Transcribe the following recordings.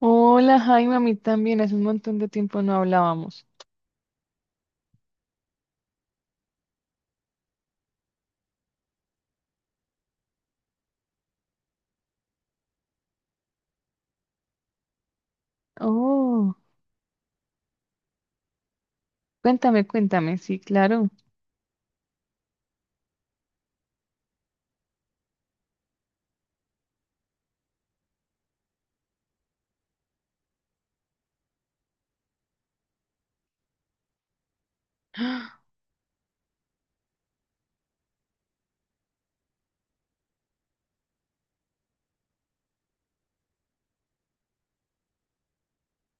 Hola Jaime, a mí también, hace un montón de tiempo no hablábamos. Oh, cuéntame, cuéntame, sí, claro.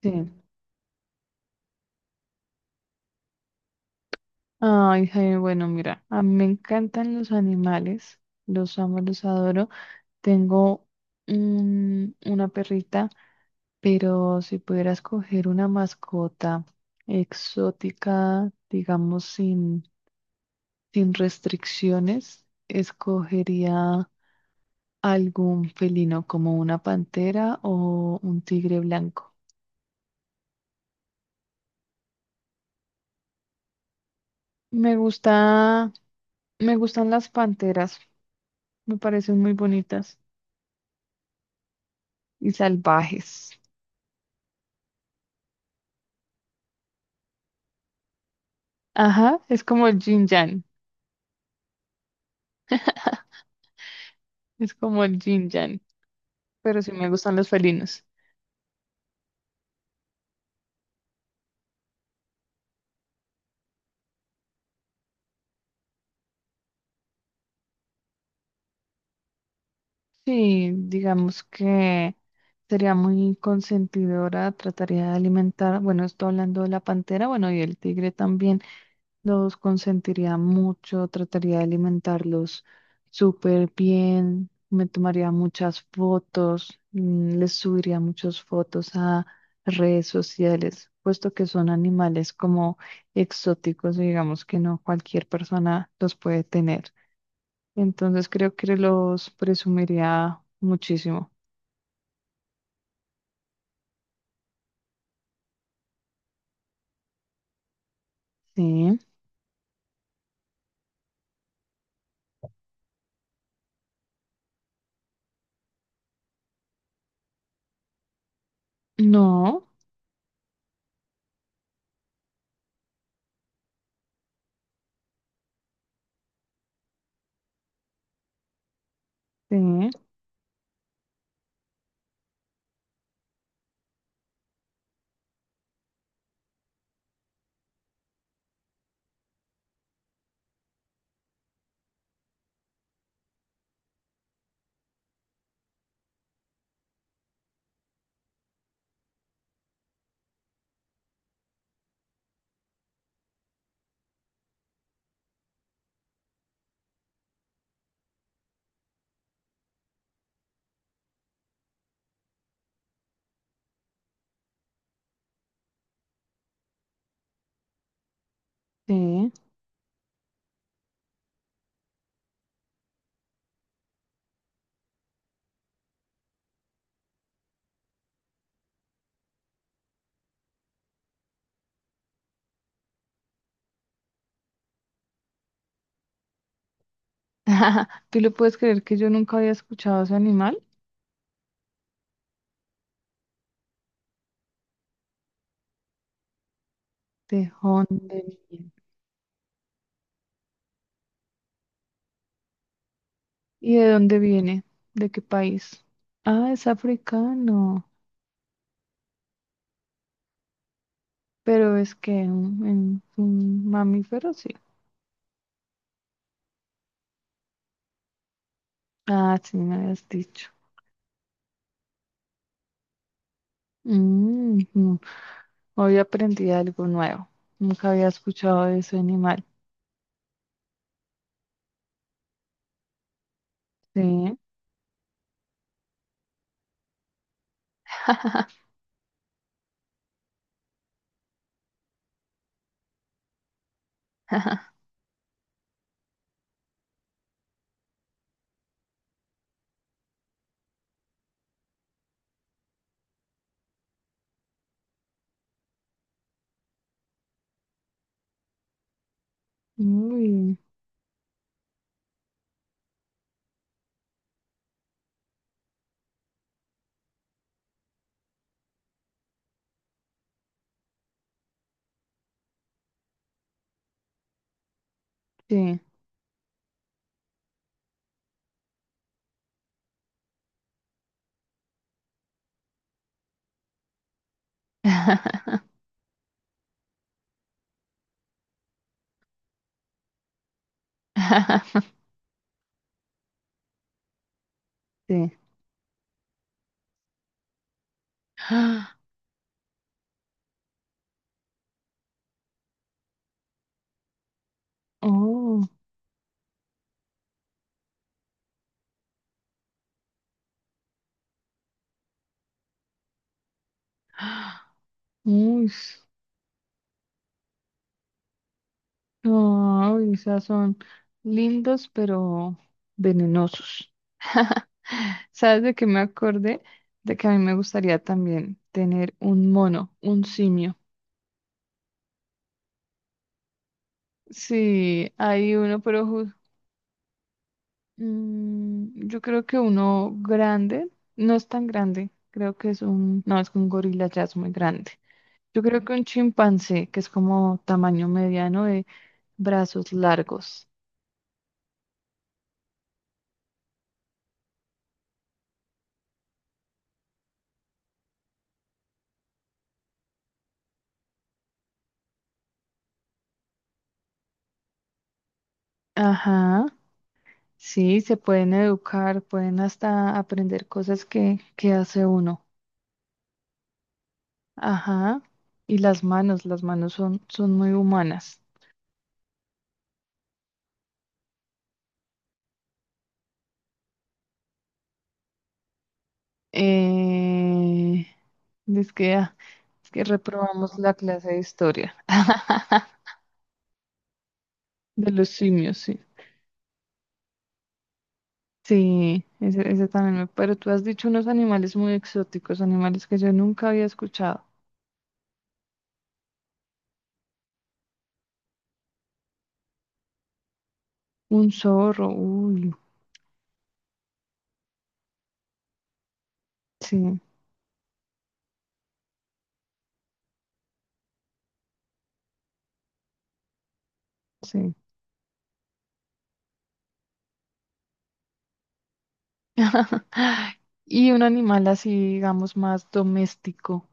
Sí. Ay, Jaime, bueno, mira, a mí me encantan los animales, los amo, los adoro. Tengo una perrita, pero si pudiera escoger una mascota exótica, digamos, sin restricciones, escogería algún felino como una pantera o un tigre blanco. Me gusta, me gustan las panteras, me parecen muy bonitas y salvajes. Ajá, es como el Jin Yang, es como el Jin Yang, pero sí me gustan los felinos. Sí, digamos que sería muy consentidora, trataría de alimentar, bueno, estoy hablando de la pantera, bueno, y el tigre también. Los consentiría mucho, trataría de alimentarlos súper bien, me tomaría muchas fotos, les subiría muchas fotos a redes sociales, puesto que son animales como exóticos, digamos que no cualquier persona los puede tener. Entonces creo que los presumiría muchísimo. Sí, no, sí, sí. ¿Tú le puedes creer que yo nunca había escuchado ese animal? Tejón de Minas. ¿Y de dónde viene? ¿De qué país? Ah, es africano. Pero es que un mamífero, sí. Ah, sí, me habías dicho. Mm, mm. Hoy aprendí algo nuevo. Nunca había escuchado de ese animal. Sí. Uy, sí. Sí. Oh. Uy. No, o sea, son lindos, pero venenosos. ¿Sabes de qué me acordé? De que a mí me gustaría también tener un mono, un simio. Sí, hay uno, pero ju- yo creo que uno grande, no es tan grande, creo que es un, no, es que un gorila ya es muy grande. Yo creo que un chimpancé, que es como tamaño mediano de brazos largos. Ajá. Sí, se pueden educar, pueden hasta aprender cosas que hace uno. Ajá. Y las manos son, son muy humanas. Eh, es que, es que reprobamos la clase de historia. De los simios, sí. Sí, ese también me... Pero tú has dicho unos animales muy exóticos, animales que yo nunca había escuchado. Un zorro, uy, sí, sí. Y un animal así, digamos, más doméstico,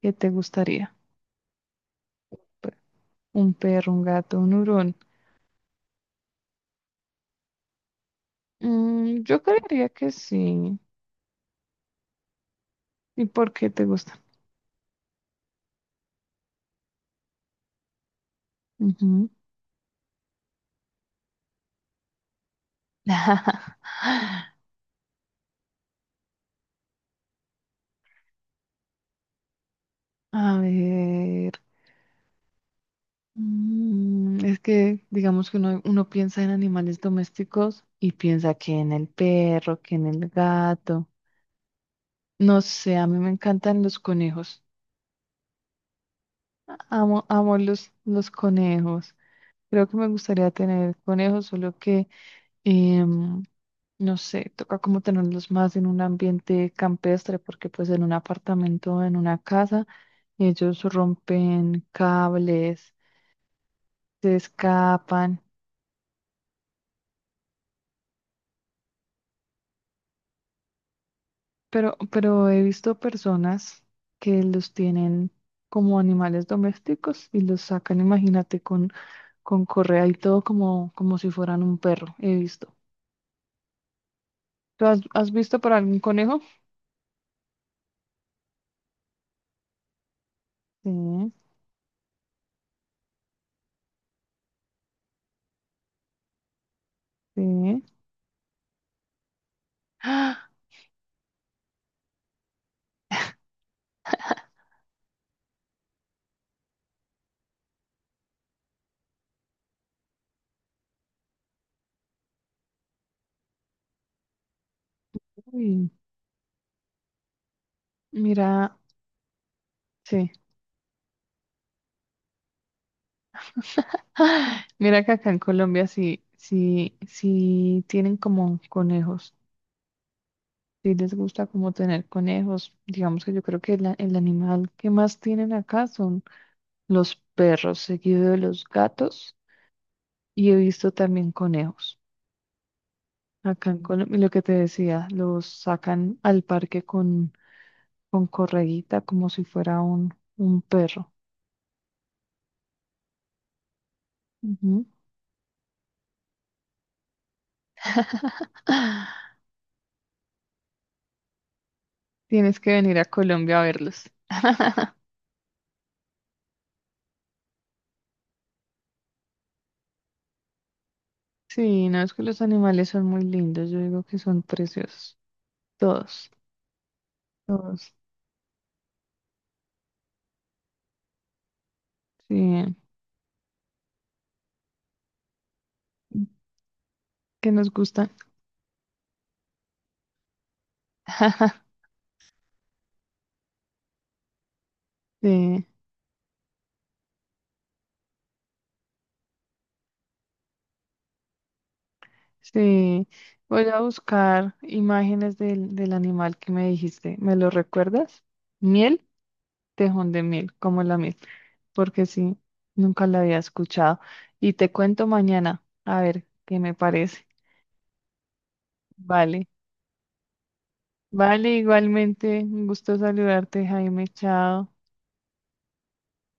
¿qué te gustaría? Pe- Un perro, un gato, un hurón. Mm, yo creería que sí. ¿Y por qué te gusta? Ujú. A ver, es que digamos que uno, uno piensa en animales domésticos y piensa que en el perro, que en el gato. No sé, a mí me encantan los conejos. Amo, amo los conejos. Creo que me gustaría tener conejos, solo que, em, no sé, toca como tenerlos más en un ambiente campestre, porque pues en un apartamento, en una casa, ellos rompen cables, se escapan, pero he visto personas que los tienen como animales domésticos y los sacan, imagínate, con correa y todo como, como si fueran un perro, he visto. ¿Tú has visto para algún conejo? Sí, sí. Uy, mira, sí. Ah, mira que acá en Colombia sí, sí, sí tienen como conejos. Sí les gusta como tener conejos. Digamos que yo creo que el animal que más tienen acá son los perros, seguido de los gatos. Y he visto también conejos. Acá en Colombia, y lo que te decía, los sacan al parque con correguita como si fuera un perro. Ujú. Tienes que venir a Colombia a verlos. Sí, no es que los animales son muy lindos, yo digo que son preciosos. Todos, todos. Sí, que nos gustan. Sí, sí. Voy a buscar imágenes del animal que me dijiste. ¿Me lo recuerdas? Miel, tejón de miel, como la miel. Porque sí, nunca la había escuchado. Y te cuento mañana, a ver qué me parece. Vale, vale, igualmente. Un gusto saludarte, Jaime. Chao.